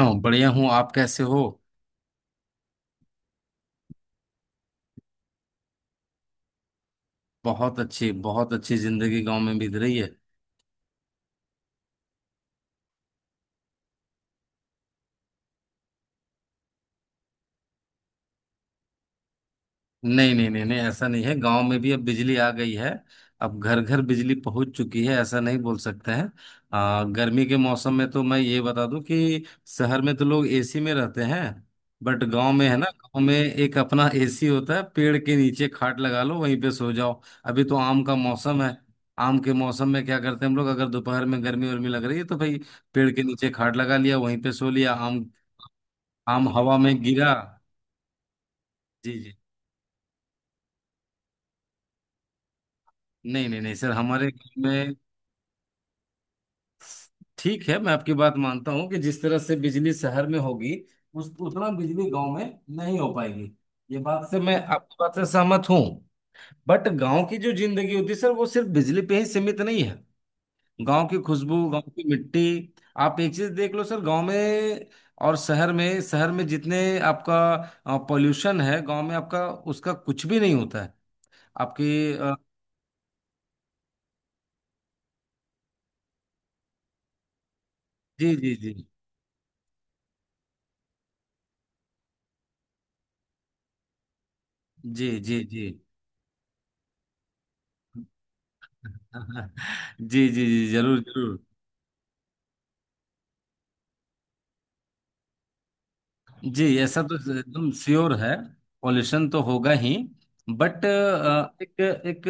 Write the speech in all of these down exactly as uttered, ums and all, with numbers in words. हूँ, बढ़िया हूँ। आप कैसे हो? बहुत अच्छी, बहुत अच्छी जिंदगी गांव में बीत रही है। नहीं, नहीं, नहीं, नहीं, ऐसा नहीं है। गांव में भी अब बिजली आ गई है। अब घर घर बिजली पहुंच चुकी है, ऐसा नहीं बोल सकते हैं। आ, गर्मी के मौसम में तो मैं ये बता दूं कि शहर में तो लोग एसी में रहते हैं। बट गांव में, है ना, गांव में एक अपना एसी होता है। पेड़ के नीचे खाट लगा लो, वहीं पे सो जाओ। अभी तो आम का मौसम है। आम के मौसम में क्या करते हैं हम लोग, अगर दोपहर में गर्मी वर्मी लग रही है तो भाई पेड़ के नीचे खाट लगा लिया, वहीं पे सो लिया। आम, आम हवा में गिरा। जी, जी। नहीं, नहीं, नहीं सर, हमारे गाँव में। ठीक है, मैं आपकी बात मानता हूँ कि जिस तरह से बिजली शहर में होगी, उस उतना बिजली गांव में नहीं हो पाएगी। ये बात से मैं आपकी बात से सहमत हूँ। बट गांव की जो जिंदगी होती है सर, वो सिर्फ बिजली पे ही सीमित नहीं है। गांव की खुशबू, गांव की मिट्टी। आप एक चीज देख लो सर, गांव में और शहर में शहर में जितने आपका पॉल्यूशन है, गांव में आपका उसका कुछ भी नहीं होता है। आपकी, अ, जी, जी, जी, जी, जी, जी। जी, जी, जी, जरूर, जरूर। जी, ऐसा तो एकदम श्योर है। पॉल्यूशन तो होगा ही। बट एक एक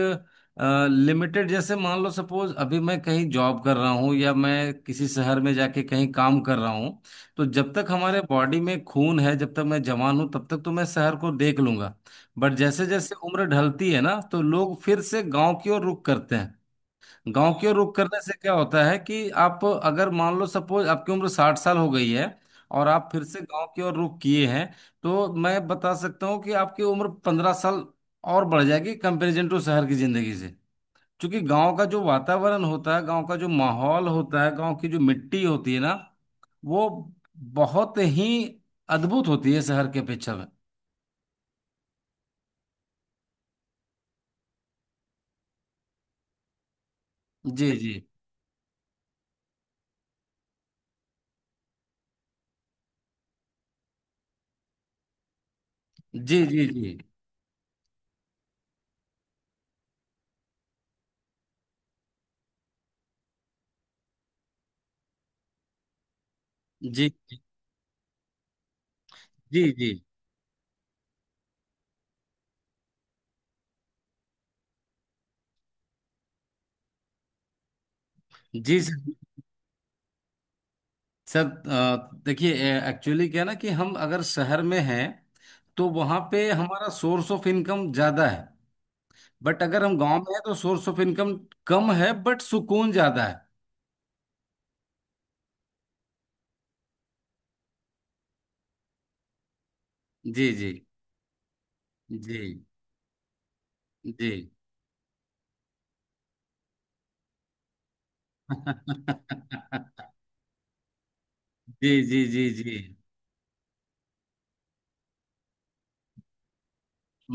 लिमिटेड, जैसे मान लो, सपोज अभी मैं कहीं जॉब कर रहा हूँ या मैं किसी शहर में जाके कहीं काम कर रहा हूँ। तो जब तक हमारे बॉडी में खून है, जब तक मैं जवान हूँ, तब तक तो मैं शहर को देख लूंगा। बट जैसे जैसे उम्र ढलती है ना, तो लोग फिर से गांव की ओर रुख करते हैं। गांव की ओर रुख करने से क्या होता है कि आप अगर मान लो, सपोज आपकी उम्र साठ साल हो गई है, और आप फिर से गांव की ओर रुख किए हैं, तो मैं बता सकता हूँ कि आपकी उम्र पंद्रह साल और बढ़ जाएगी कंपेरिजन टू शहर की जिंदगी से। क्योंकि गांव का जो वातावरण होता है, गांव का जो माहौल होता है, गांव की जो मिट्टी होती है ना, वो बहुत ही अद्भुत होती है शहर के अपेक्षा में। जी, जी, जी, जी, जी, जी, जी, जी, जी, जी सर, सर, अ, देखिए। एक्चुअली क्या है ना कि हम अगर शहर में हैं, तो वहां पे हमारा सोर्स ऑफ इनकम ज्यादा है। बट अगर हम गांव में हैं तो सोर्स ऑफ इनकम कम है, बट सुकून ज्यादा है। जी, जी, जी, जी। जी, जी, जी, जी।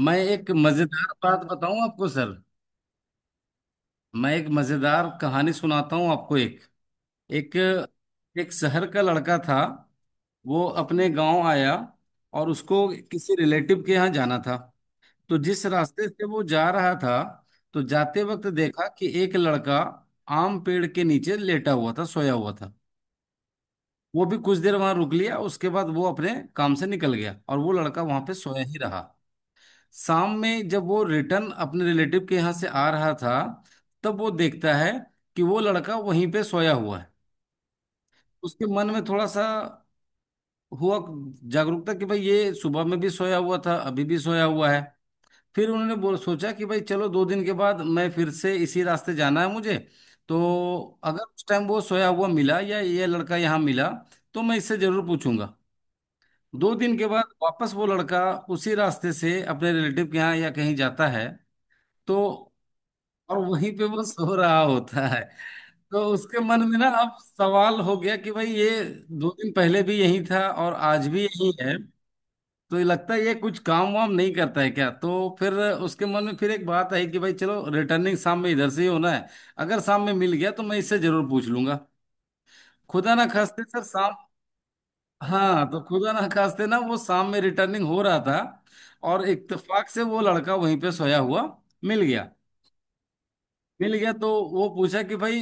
मैं एक मजेदार बात बताऊं आपको सर, मैं एक मजेदार कहानी सुनाता हूं आपको। एक एक एक शहर का लड़का था। वो अपने गांव आया, और उसको किसी रिलेटिव के यहाँ जाना था। तो जिस रास्ते से वो जा रहा था, तो जाते वक्त देखा कि एक लड़का आम पेड़ के नीचे लेटा हुआ था, सोया हुआ था। वो भी कुछ देर वहां रुक लिया, उसके बाद वो अपने काम से निकल गया, और वो लड़का वहां पे सोया ही रहा। शाम में जब वो रिटर्न अपने रिलेटिव के यहाँ से आ रहा था, तब वो देखता है कि वो लड़का वहीं पे सोया हुआ है। उसके मन में थोड़ा सा हुआ जागरूकता कि भाई ये सुबह में भी सोया हुआ था, अभी भी सोया हुआ है। फिर उन्होंने बोल सोचा कि भाई चलो, दो दिन के बाद मैं फिर से इसी रास्ते जाना है मुझे, तो अगर उस टाइम वो सोया हुआ मिला, या ये लड़का यहाँ मिला, तो मैं इससे जरूर पूछूंगा। दो दिन के बाद वापस वो लड़का उसी रास्ते से अपने रिलेटिव के यहाँ या कहीं जाता है, तो और वहीं पे वो सो रहा होता है। तो उसके मन में ना अब सवाल हो गया कि भाई ये दो दिन पहले भी यही था, और आज भी यही है। तो ये लगता है, ये कुछ काम वाम नहीं करता है क्या? तो फिर उसके मन में फिर एक बात आई कि भाई चलो, रिटर्निंग शाम में इधर से ही होना है, अगर शाम में मिल गया तो मैं इससे जरूर पूछ लूंगा। खुदा ना खास्ते सर, शाम। हाँ, तो खुदा ना खास्ते ना, वो शाम में रिटर्निंग हो रहा था, और इत्तेफाक से वो लड़का वहीं पे सोया हुआ मिल गया, मिल गया। तो वो पूछा कि भाई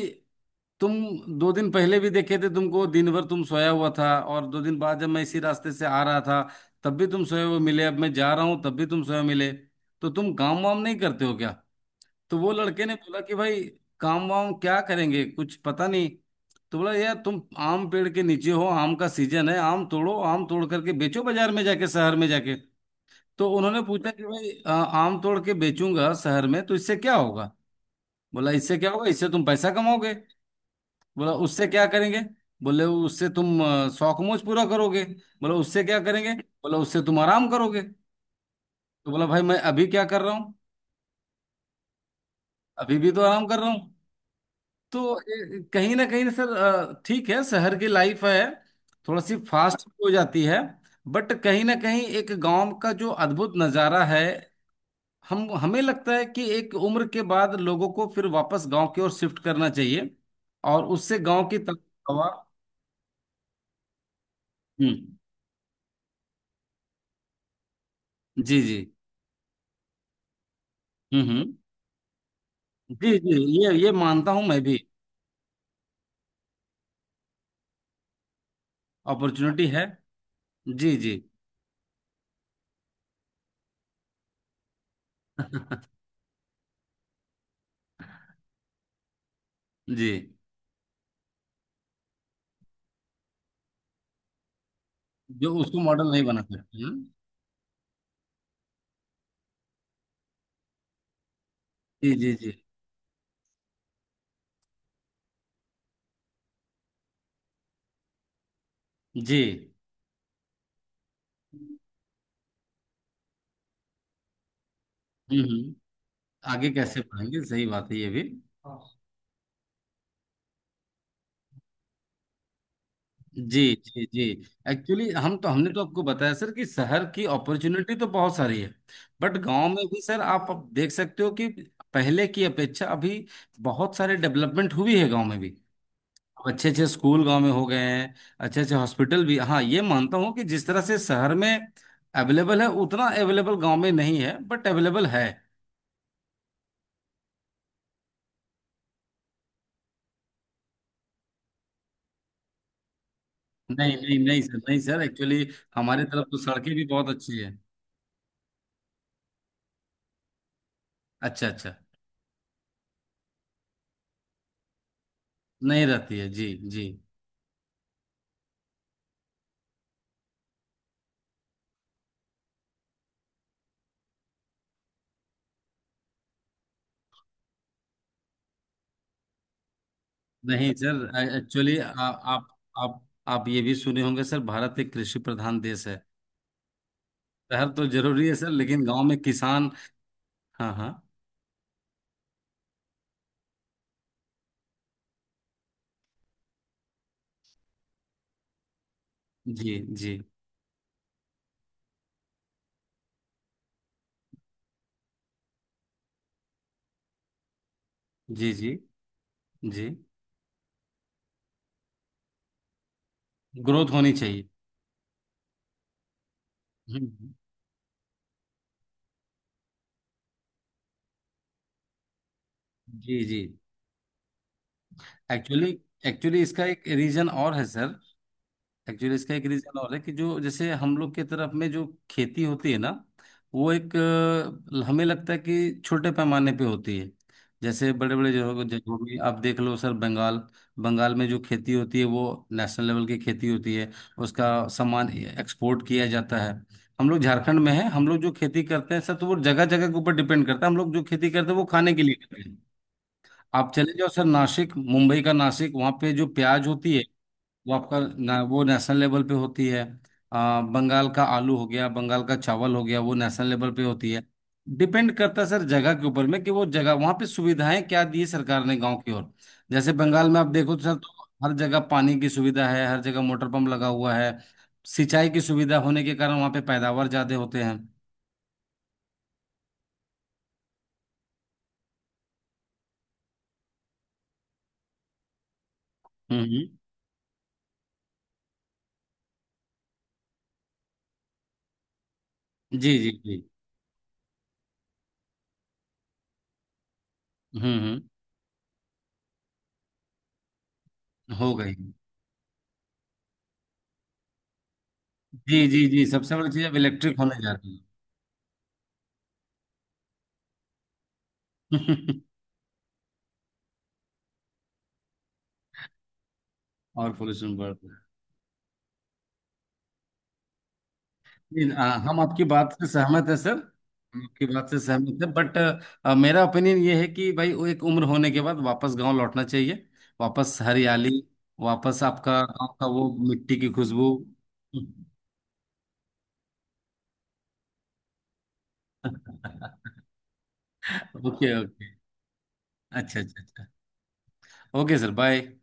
तुम दो दिन पहले भी देखे थे, तुमको दिन भर तुम सोया हुआ था, और दो दिन बाद जब मैं इसी रास्ते से आ रहा था तब भी तुम सोए हुए मिले, अब मैं जा रहा हूँ तब भी तुम सोए मिले, तो तुम काम वाम नहीं करते हो क्या? तो वो लड़के ने बोला कि भाई, काम वाम क्या करेंगे, कुछ पता नहीं। तो बोला, यार तुम आम पेड़ के नीचे हो, आम का सीजन है, आम तोड़ो, आम तोड़ करके बेचो, बाजार में जाके, शहर में जाके। तो उन्होंने पूछा कि भाई आ, आम तोड़ के बेचूंगा शहर में तो इससे क्या होगा? बोला, इससे क्या होगा? इससे तुम पैसा कमाओगे। बोला, उससे क्या करेंगे? बोले, उससे तुम अ, शौक मौज पूरा करोगे। बोला, उससे क्या करेंगे? बोला, उससे तुम आराम करोगे। तो बोला, भाई मैं अभी क्या कर रहा हूँ, अभी भी तो आराम कर रहा हूँ। तो ए, कहीं ना कहीं सर, अ, ठीक है, शहर की लाइफ है, थोड़ा सी फास्ट हो जाती है। बट कहीं ना कहीं एक गांव का जो अद्भुत नज़ारा है, हम हमें लगता है कि एक उम्र के बाद लोगों को फिर वापस गांव की ओर शिफ्ट करना चाहिए। और उससे गांव की ताज़ा हवा। हम्म। जी, जी। हम्म, हम्म। जी, जी। ये ये मानता हूं मैं भी। अपॉर्चुनिटी है। जी, जी। जी। जो उसको मॉडल नहीं बना सकते हैं। जी, जी, जी, जी। हम्म, हम्म, आगे कैसे बढ़ेंगे, सही बात है ये भी। जी, जी, जी। एक्चुअली हम तो हमने तो आपको बताया सर कि शहर की अपॉर्चुनिटी तो बहुत सारी है। बट गांव में भी सर, आप अब देख सकते हो कि पहले की अपेक्षा अभी बहुत सारे डेवलपमेंट हुई है गांव में भी। अच्छे अच्छे स्कूल गांव में हो गए हैं। अच्छे अच्छे हॉस्पिटल भी, हाँ ये मानता हूँ कि जिस तरह से शहर में अवेलेबल है उतना अवेलेबल गांव में नहीं है, बट अवेलेबल है। नहीं, नहीं, नहीं सर, नहीं सर, एक्चुअली हमारे तरफ तो सड़कें भी बहुत अच्छी है। अच्छा, अच्छा। नहीं रहती है, जी। जी। नहीं सर, एक्चुअली आप आप आप ये भी सुने होंगे सर, भारत एक कृषि प्रधान देश है। शहर तो जरूरी है सर, लेकिन गांव में किसान। हाँ, हाँ। जी, जी, जी, जी, जी। ग्रोथ होनी चाहिए। हम्म, हम्म। जी, जी। एक्चुअली एक्चुअली इसका एक रीजन और है सर। एक्चुअली इसका एक रीजन और है कि जो, जैसे हम लोग के तरफ में जो खेती होती है ना, वो एक, अ, हमें लगता है कि छोटे पैमाने पे होती है। जैसे बड़े बड़े जगहों जगहों में आप देख लो सर, बंगाल, बंगाल में जो खेती होती है वो नेशनल लेवल की खेती होती है, उसका सामान एक्सपोर्ट किया जाता है। हम लोग झारखंड में है, हम लोग जो खेती करते हैं सर, तो वो जगह जगह के ऊपर डिपेंड करता है। हम लोग जो खेती करते हैं वो खाने के लिए करते हैं। आप चले जाओ सर नासिक, मुंबई का नासिक, वहाँ पे जो प्याज होती है, वो आपका ना, वो नेशनल लेवल पे होती है। आ, बंगाल का आलू हो गया, बंगाल का चावल हो गया, वो नेशनल लेवल पे होती है। डिपेंड करता है सर जगह के ऊपर में कि वो जगह वहाँ पे सुविधाएं क्या दी है सरकार ने गांव की ओर। जैसे बंगाल में आप देखो तो सर, तो हर जगह पानी की सुविधा है, हर जगह मोटर पंप लगा हुआ है। सिंचाई की सुविधा होने के कारण वहाँ पे पैदावार ज्यादा होते हैं। हम्म, हम्म। जी, जी, जी। हम्म, हम्म। हो गई। जी, जी, जी, सबसे बड़ी चीज़ अब इलेक्ट्रिक होने जा रही है। और पोल्यूशन बढ़ रहा है। जी, हाँ, हम आपकी बात से सहमत है सर। हम आपकी बात से सहमत है, बट मेरा ओपिनियन ये है कि भाई वो एक उम्र होने के बाद वापस गांव लौटना चाहिए। वापस हरियाली, वापस आपका गांव का वो मिट्टी की खुशबू। Okay, okay. अच्छा, अच्छा, अच्छा। Okay sir, bye.